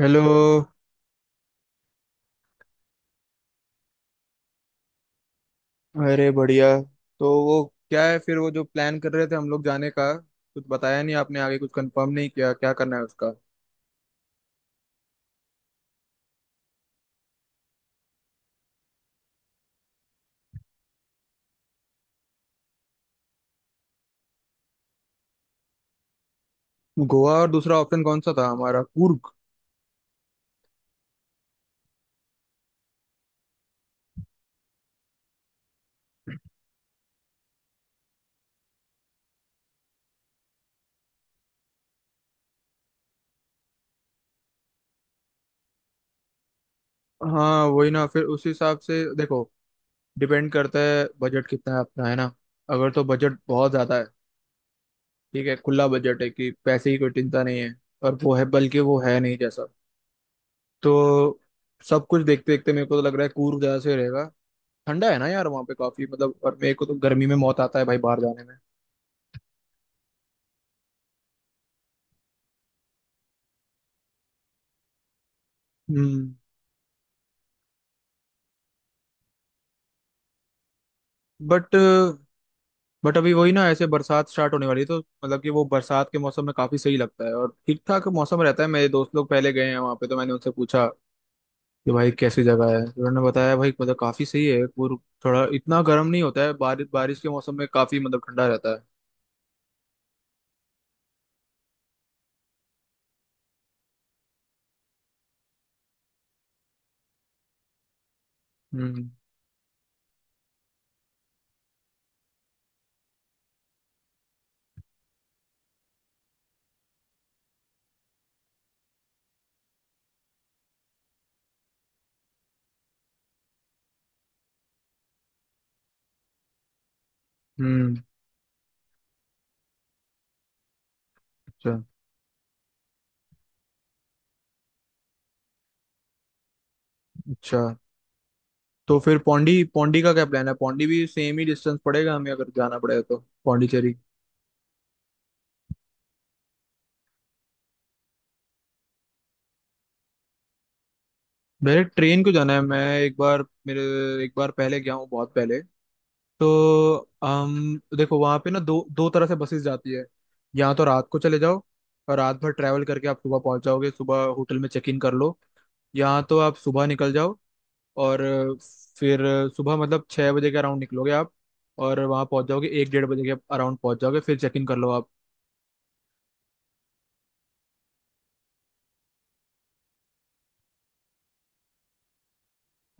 Hello. अरे बढ़िया। तो वो क्या है, फिर वो जो प्लान कर रहे थे हम लोग जाने का, कुछ बताया नहीं आपने, आगे कुछ कंफर्म नहीं किया क्या करना है उसका। गोवा और दूसरा ऑप्शन कौन सा था हमारा, कुर्ग। हाँ वही ना, फिर उस हिसाब से देखो, डिपेंड करता है बजट कितना है अपना, है ना। अगर तो बजट बहुत ज्यादा है, ठीक है, खुला बजट है कि पैसे की कोई चिंता नहीं है, और वो है, बल्कि वो है नहीं जैसा, तो सब कुछ देखते देखते मेरे को तो लग रहा है कूर्ग ज्यादा सही रहेगा। ठंडा है ना यार वहाँ पे काफी, मतलब, और मेरे को तो गर्मी में मौत आता है भाई बाहर जाने में। हम्म। बट बट अभी वही ना, ऐसे बरसात स्टार्ट होने वाली है, तो मतलब कि वो बरसात के मौसम में काफी सही लगता है और ठीक ठाक मौसम रहता है। मेरे दोस्त लोग पहले गए हैं वहाँ पे, तो मैंने उनसे पूछा कि भाई कैसी जगह है, तो उन्होंने बताया भाई मतलब काफी सही है, थोड़ा इतना गर्म नहीं होता है, बारिश बारिश के मौसम में काफी मतलब ठंडा रहता है। हम्म। हम्म। अच्छा। अच्छा। तो फिर पौंडी पौंडी का क्या प्लान है, पौंडी भी सेम ही डिस्टेंस पड़ेगा हमें अगर जाना पड़ेगा तो। पौंडीचेरी। मेरे ट्रेन को जाना है मैं एक बार मेरे एक बार पहले गया हूँ बहुत पहले। तो हम देखो वहाँ पे ना दो दो तरह से बसेस जाती है। या तो रात को चले जाओ और रात भर ट्रैवल करके आप सुबह पहुँच जाओगे, सुबह होटल में चेक इन कर लो। या तो आप सुबह निकल जाओ, और फिर सुबह, मतलब, छः बजे के अराउंड निकलोगे आप, और वहाँ पहुँच जाओगे एक डेढ़ बजे के अराउंड, पहुँच जाओगे फिर चेक इन कर लो आप।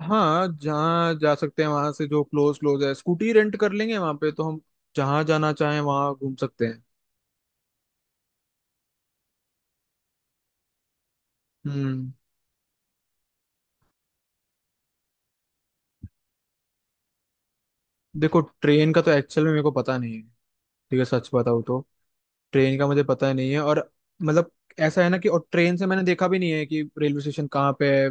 हाँ जहाँ जा सकते हैं वहाँ से, जो क्लोज क्लोज है, स्कूटी रेंट कर लेंगे वहाँ पे, तो हम जहाँ जाना चाहें वहाँ घूम सकते हैं। हम्म। देखो ट्रेन का तो एक्चुअल में मेरे को पता नहीं है, ठीक है, सच बताऊँ तो ट्रेन का मुझे पता नहीं है, और, मतलब, ऐसा है ना कि, और ट्रेन से मैंने देखा भी नहीं है कि रेलवे स्टेशन कहाँ पे है।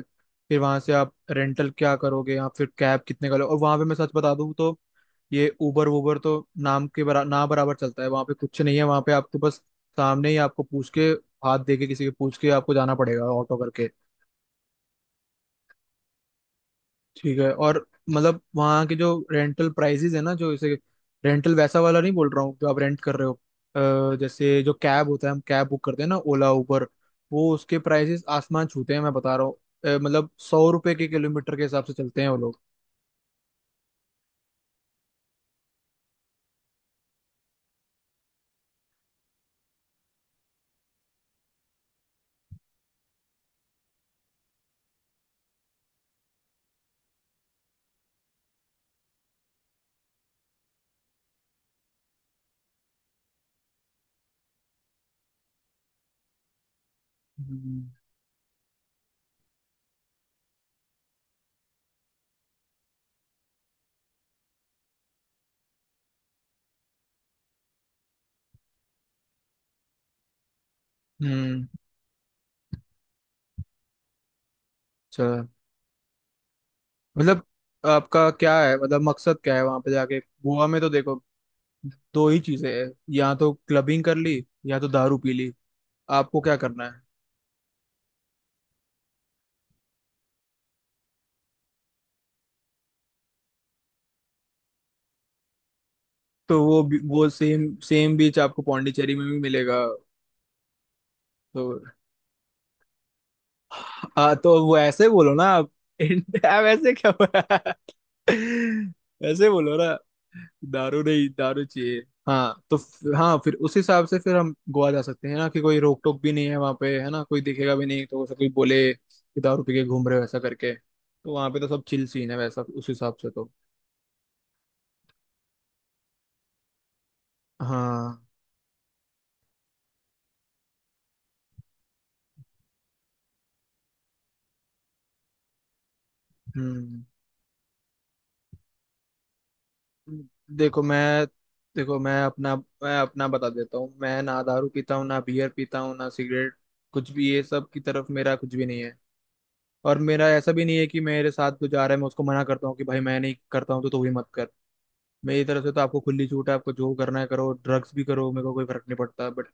फिर वहां से आप रेंटल क्या करोगे, आप फिर कैब कितने का लो, और वहां पे मैं सच बता दूँ तो ये उबर वूबर तो नाम के ना बराबर चलता है वहां पे, कुछ नहीं है वहां पे, आपको बस सामने ही, आपको पूछ के, हाथ दे के किसी के, पूछ के आपको जाना पड़ेगा ऑटो करके। ठीक है। और मतलब वहाँ के जो रेंटल प्राइसेस है ना, जो जैसे रेंटल वैसा वाला नहीं बोल रहा हूँ जो आप रेंट कर रहे हो, जैसे जो कैब होता है हम कैब बुक करते हैं ना, ओला उबर, वो उसके प्राइसेस आसमान छूते हैं मैं बता रहा हूँ। मतलब सौ रुपए के किलोमीटर के हिसाब से चलते हैं वो लोग। हम्म। हम्म। अच्छा। मतलब आपका क्या है, मतलब मकसद क्या है वहां पे जाके, गोवा में तो देखो दो ही चीजें हैं, या तो क्लबिंग कर ली, या तो दारू पी ली, आपको क्या करना है। तो वो सेम सेम बीच आपको पौंडीचेरी में भी मिलेगा। तो हाँ, तो वो ऐसे बोलो ना आप इंडिया वैसे क्या बोला ऐसे बोलो ना, दारू नहीं, दारू चाहिए। हाँ तो हाँ फिर उस हिसाब से फिर हम गोवा जा सकते हैं ना, कि कोई रोक टोक भी नहीं है वहाँ पे, है ना, कोई दिखेगा भी नहीं तो वैसे कोई बोले कि दारू पी के घूम रहे हो, ऐसा करके, तो वहाँ पे तो सब चिल सीन है वैसा, उस हिसाब से तो। हाँ। हम्म। देखो मैं देखो मैं अपना बता देता हूँ, मैं ना दारू पीता हूँ ना बियर पीता हूँ ना सिगरेट, कुछ भी, ये सब की तरफ मेरा कुछ भी नहीं है। और मेरा ऐसा भी नहीं है कि मेरे साथ जो जा रहा है मैं उसको मना करता हूँ कि भाई मैं नहीं करता हूँ तो तू भी मत कर। मेरी तरफ से तो आपको खुली छूट है, आपको जो करना है करो, ड्रग्स भी करो, मेरे को कोई फर्क नहीं पड़ता। बट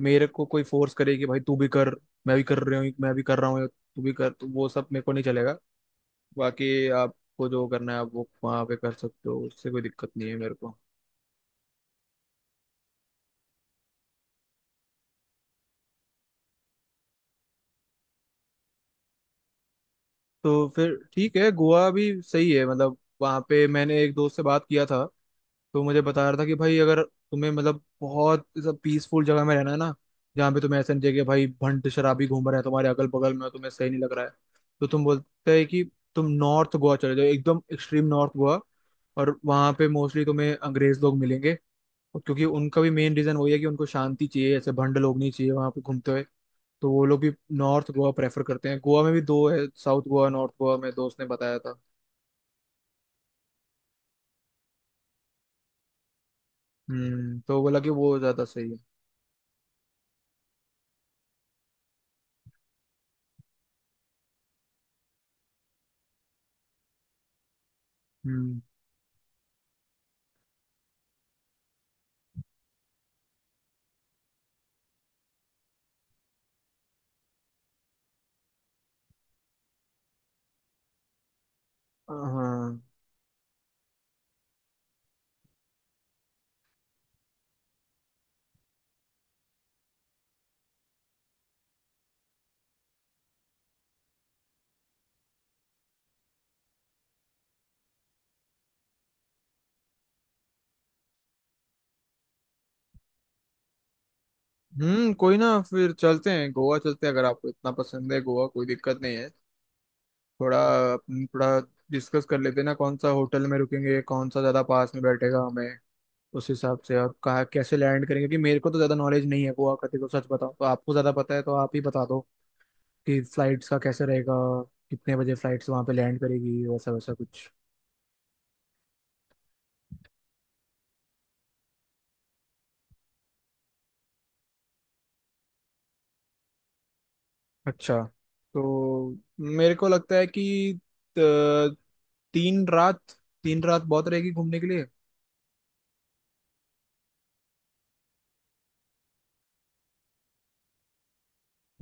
मेरे को कोई फोर्स करे कि भाई तू भी कर, मैं भी कर रही हूँ, मैं भी कर रहा हूँ, तू भी कर, तो वो सब मेरे को नहीं चलेगा। बाकी आपको जो करना है आप वो वहाँ पे कर सकते हो, उससे कोई दिक्कत नहीं है मेरे को। तो फिर ठीक है, गोवा भी सही है, मतलब वहाँ पे मैंने एक दोस्त से बात किया था, तो मुझे बता रहा था कि भाई अगर तुम्हें मतलब बहुत पीसफुल जगह में रहना है ना, जहाँ पे तुम्हें ऐसा नहीं चाहिए कि भाई भंड शराबी घूम रहे हैं तुम्हारे अगल बगल में और तुम्हें सही नहीं लग रहा है, तो तुम बोलते हैं कि तुम नॉर्थ गोवा चले जाओ, एकदम एक्सट्रीम नॉर्थ गोवा, और वहाँ पे मोस्टली तुम्हें अंग्रेज लोग मिलेंगे, और क्योंकि उनका भी मेन रीजन वही है कि उनको शांति चाहिए, ऐसे भंड लोग नहीं चाहिए वहाँ पे घूमते हुए, तो वो लोग भी नॉर्थ गोवा प्रेफर करते हैं, गोवा में भी दो है, साउथ गोवा नॉर्थ गोवा, में दोस्त ने बताया था। हम्म, तो बोला कि वो ज्यादा सही है। हम्म। हाँ। हम्म, कोई ना, फिर चलते हैं गोवा, चलते हैं अगर आपको इतना पसंद है गोवा, कोई दिक्कत नहीं है। थोड़ा अपन थोड़ा डिस्कस कर लेते हैं ना, कौन सा होटल में रुकेंगे, कौन सा ज्यादा पास में बैठेगा हमें, उस हिसाब से, और कहाँ कैसे लैंड करेंगे, क्योंकि मेरे को तो ज्यादा नॉलेज नहीं है गोवा का, देखो सच बताऊँ तो आपको ज्यादा पता है, तो आप ही बता दो कि फ्लाइट्स का कैसे रहेगा, कितने बजे फ्लाइट्स वहाँ पे लैंड करेगी, वैसा वैसा कुछ। अच्छा। तो मेरे को लगता है कि अ, तीन रात, तीन रात बहुत रहेगी घूमने के लिए।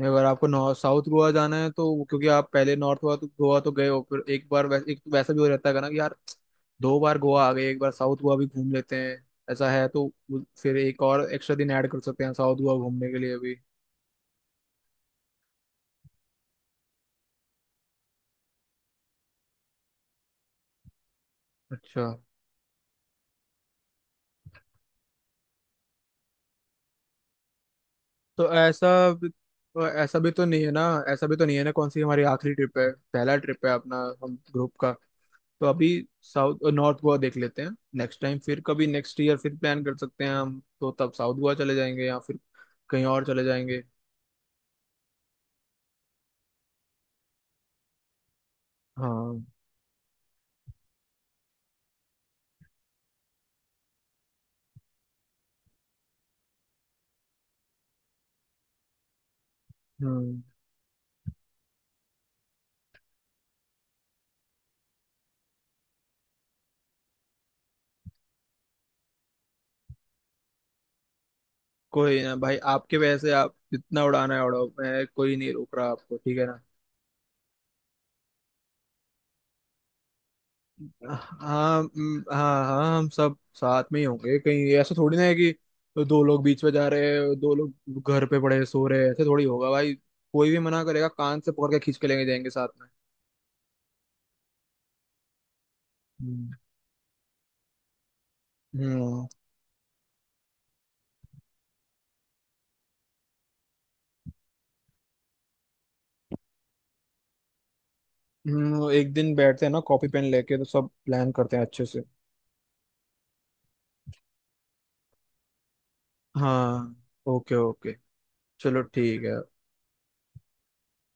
अगर आपको नॉर्थ साउथ गोवा जाना है तो क्योंकि आप पहले नॉर्थ गोवा तो गए हो, फिर एक बार, वैसे एक तो वैसा भी हो जाता है ना कि यार दो बार गोवा आ गए, एक बार साउथ गोवा भी घूम लेते हैं, ऐसा है तो फिर एक और एक्स्ट्रा दिन ऐड कर सकते हैं साउथ गोवा घूमने के लिए भी। अच्छा। तो भी- तो ऐसा भी तो नहीं है ना, कौन सी हमारी आखिरी ट्रिप है, पहला ट्रिप है अपना, हम ग्रुप का, तो अभी साउथ नॉर्थ गोवा देख लेते हैं, नेक्स्ट टाइम फिर कभी नेक्स्ट ईयर फिर प्लान कर सकते हैं हम, तो तब साउथ गोवा चले जाएंगे या फिर कहीं और चले जाएंगे। हाँ। हम्म। कोई ना भाई, आपके, वैसे आप जितना उड़ाना है उड़ाओ, मैं कोई नहीं रोक रहा आपको, ठीक है ना। हाँ। हाँ हाँ, हम सब साथ में ही होंगे, कहीं ऐसा थोड़ी ना है कि दो लोग बीच में जा रहे हैं दो लोग घर पे पड़े सो रहे हैं, ऐसे थोड़ी होगा भाई, कोई भी मना करेगा कान से पकड़ के खींच के लेके जाएंगे साथ में। हम्म। हम्म। एक दिन बैठते हैं ना कॉपी पेन लेके तो सब प्लान करते हैं अच्छे से। हाँ। Okay okay. चलो ठीक है।